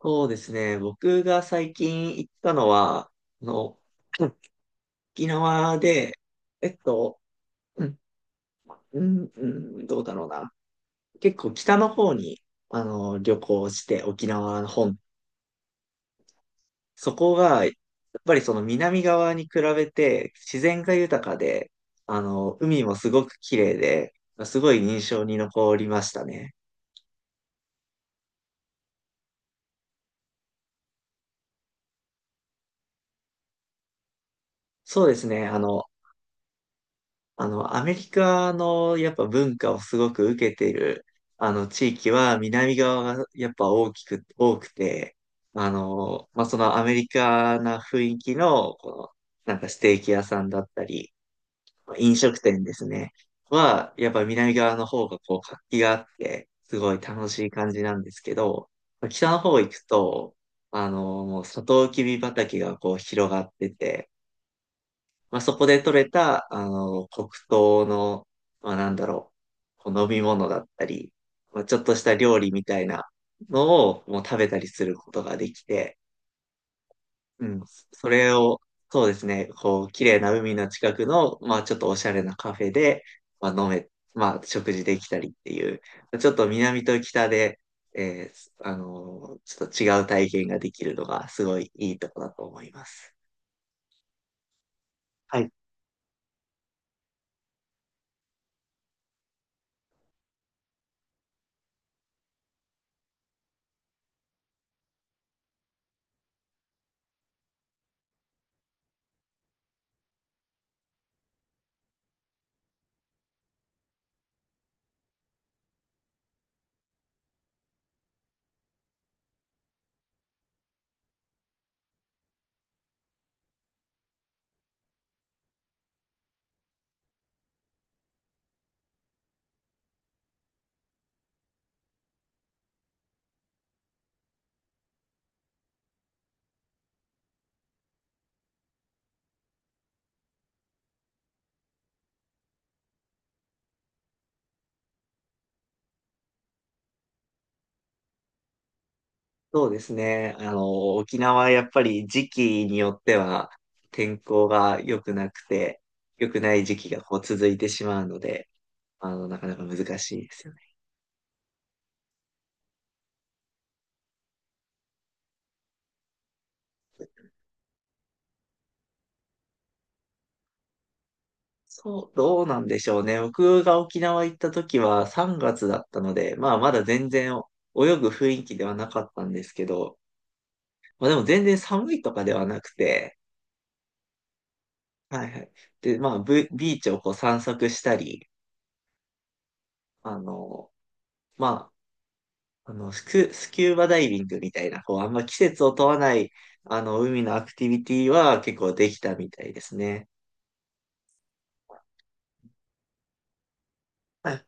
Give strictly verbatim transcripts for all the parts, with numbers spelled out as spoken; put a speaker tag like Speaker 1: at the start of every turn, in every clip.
Speaker 1: そうですね。僕が最近行ったのは、あの、うん沖縄で、えっと、うん、うん、うんどうだろうな。結構北の方に、あの、旅行して、沖縄の本。そこが、やっぱりその南側に比べて自然が豊かで、あの、海もすごく綺麗で、すごい印象に残りましたね。そうですね。あの、あの、アメリカのやっぱ文化をすごく受けている、あの、地域は南側がやっぱ大きく、多くて、あの、まあ、そのアメリカな雰囲気の、この、なんかステーキ屋さんだったり、飲食店ですね、は、やっぱ南側の方がこう活気があって、すごい楽しい感じなんですけど、北の方行くと、あの、もうサトウキビ畑がこう広がってて、まあ、そこで採れた、あの、黒糖の、まあ、なんだろう、こう飲み物だったり、まあ、ちょっとした料理みたいなのをもう食べたりすることができて、うん、それを、そうですね、こう、綺麗な海の近くの、まあ、ちょっとおしゃれなカフェで、まあ、飲め、まあ、食事できたりっていう、ちょっと南と北で、えーあの、ちょっと違う体験ができるのがすごいいいとこだと思います。はい。そうですね。あの、沖縄はやっぱり時期によっては天候が良くなくて、良くない時期がこう続いてしまうので、あの、なかなか難しいですよね。そう、どうなんでしょうね。僕が沖縄行った時はさんがつだったので、まあまだ全然泳ぐ雰囲気ではなかったんですけど、まあでも全然寒いとかではなくて、はいはい。で、まあブビーチをこう散策したり、あの、まあ、あの、スク、スキューバダイビングみたいな、こう、あんま季節を問わない、あの、海のアクティビティは結構できたみたいですね。あ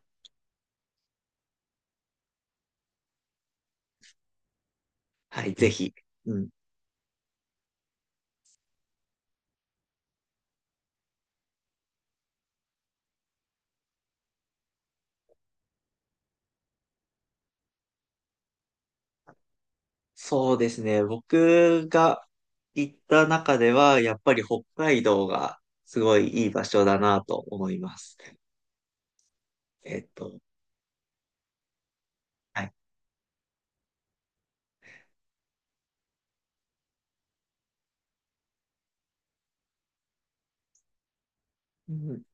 Speaker 1: はい、ぜひ。うん。そうですね。僕が行った中では、やっぱり北海道がすごいいい場所だなと思います。えっと、はい。うん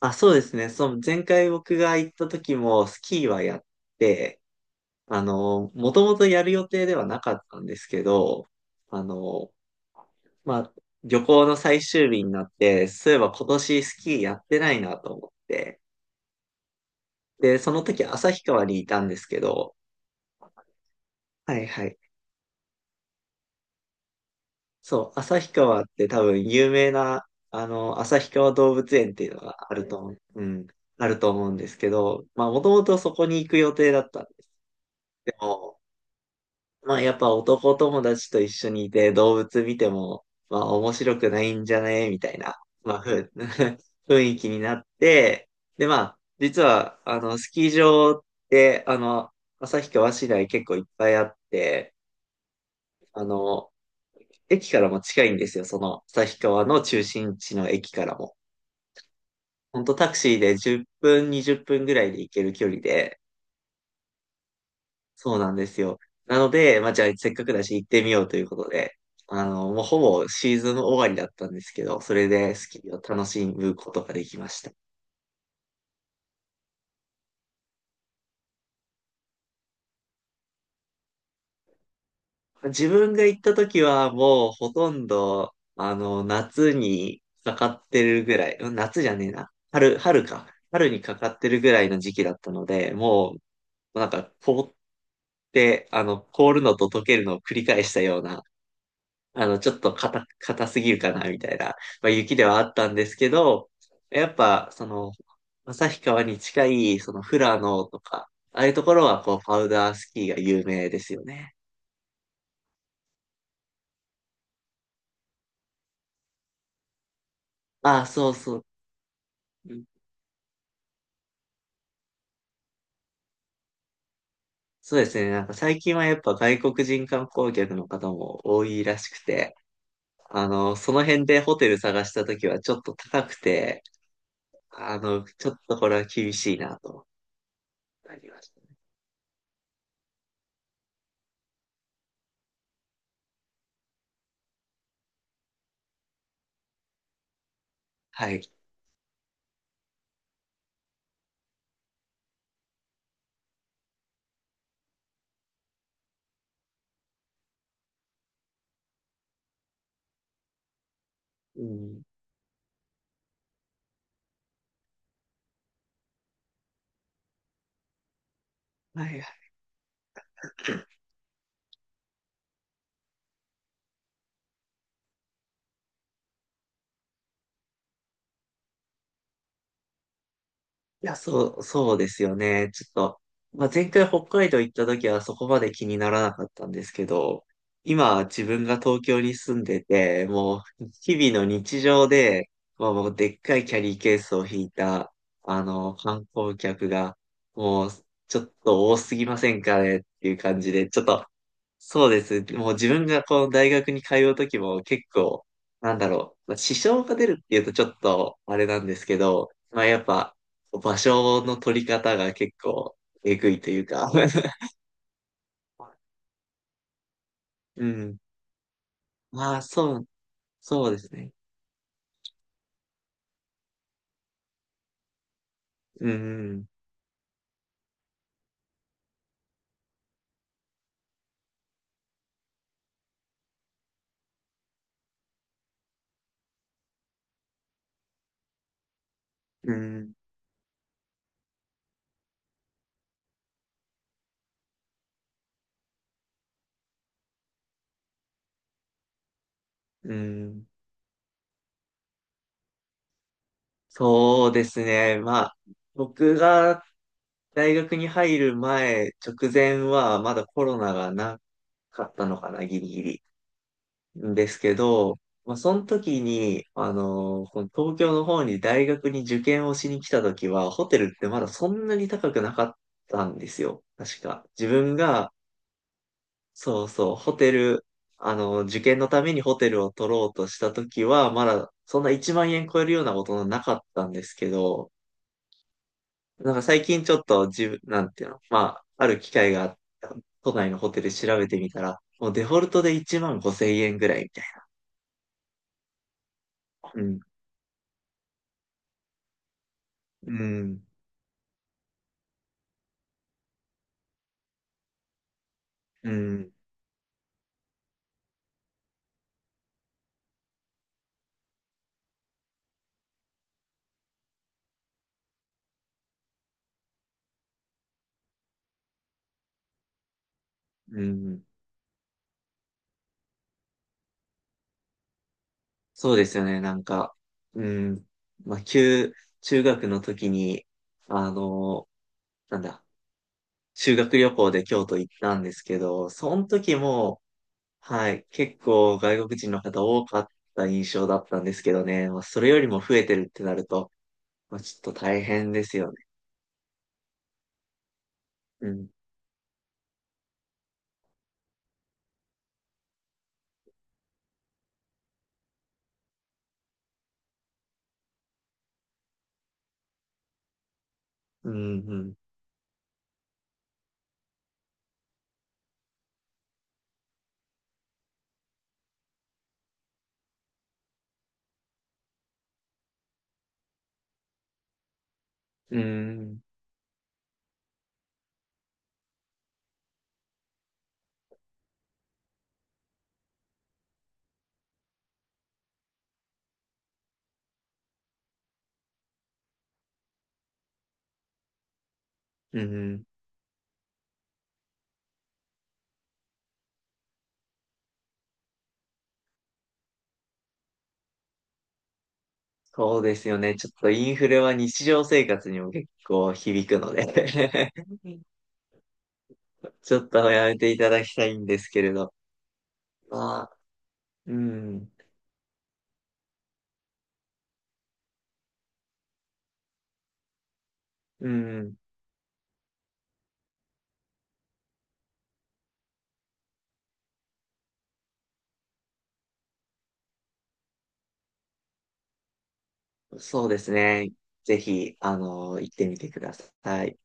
Speaker 1: あ、そうですね。その前回僕が行った時もスキーはやって、あの、もともとやる予定ではなかったんですけど、あの、まあ、旅行の最終日になって、そういえば今年スキーやってないなと思って。で、その時旭川にいたんですけど、はいはい。そう、旭川って多分有名な、あの、旭川動物園っていうのがあると思う、うん、あると思うんですけど、まあ、もともとそこに行く予定だったんです。でも、まあやっぱ男友達と一緒にいて動物見ても、まあ面白くないんじゃねみたいな、まあふ、雰囲気になって、でまあ、実は、あの、スキー場って、あの、旭川市内結構いっぱいあって、あの、駅からも近いんですよ、その旭川の中心地の駅からも。ほんとタクシーでじゅっぷん、にじゅっぷんぐらいで行ける距離で、そうなんですよ。なので、まあ、じゃあせっかくだし行ってみようということで、あの、もうほぼシーズン終わりだったんですけど、それでスキーを楽しむことができました。自分が行った時はもうほとんど、あの、夏にかかってるぐらい、うん夏じゃねえな、春、春か。春にかかってるぐらいの時期だったので、もう、なんか凍って、あの、凍るのと溶けるのを繰り返したような、あの、ちょっと硬、硬すぎるかな、みたいな、まあ、雪ではあったんですけど、やっぱ、その、旭川に近い、その、富良野とか、ああいうところは、こう、パウダースキーが有名ですよね。ああ、そうそう。うんそうですね。なんか最近はやっぱ外国人観光客の方も多いらしくて、あの、その辺でホテル探したときはちょっと高くて、あの、ちょっとこれは厳しいなとなりました。はい。うん。はい。いや、そう、そうですよね。ちょっと、まあ、前回北海道行った時はそこまで気にならなかったんですけど、今自分が東京に住んでて、もう日々の日常で、まあ、もうでっかいキャリーケースを引いた、あの、観光客が、もうちょっと多すぎませんかねっていう感じで、ちょっとそうです。もう自分がこう大学に通うときも結構、なんだろう、まあ支障が出るっていうとちょっとあれなんですけど、まあやっぱ場所の取り方が結構えぐいというか、うん。まあそう、そうですね。うん、うん、うん。そうですね。まあ僕が大学に入る前、直前はまだコロナがなかったのかな、ギリギリ。んですけど、まあ、その時に、あのーこの東京の方に大学に受験をしに来た時は、ホテルってまだそんなに高くなかったんですよ。確か。自分が、そうそう、ホテル、あのー受験のためにホテルを取ろうとした時は、まだそんないちまん円超えるようなことなかったんですけど、なんか最近ちょっと自分、なんていうの、まあ、ある機会があった、都内のホテル調べてみたら、もうデフォルトでいちまんごせん円ぐらいみたいな。うん。うん。うん、うん、そうですよね。なんか、うん、まあ、旧、中学の時に、あの、なんだ、修学旅行で京都行ったんですけど、その時も、はい、結構外国人の方多かった印象だったんですけどね、まあ、それよりも増えてるってなると、まあ、ちょっと大変ですよね。うん、うん、うん、うん、うん、そうですよね。ちょっとインフレは日常生活にも結構響くので ちょっとやめていただきたいんですけれど。まあ、うん、うん、そうですね。ぜひ、あの、行ってみてください。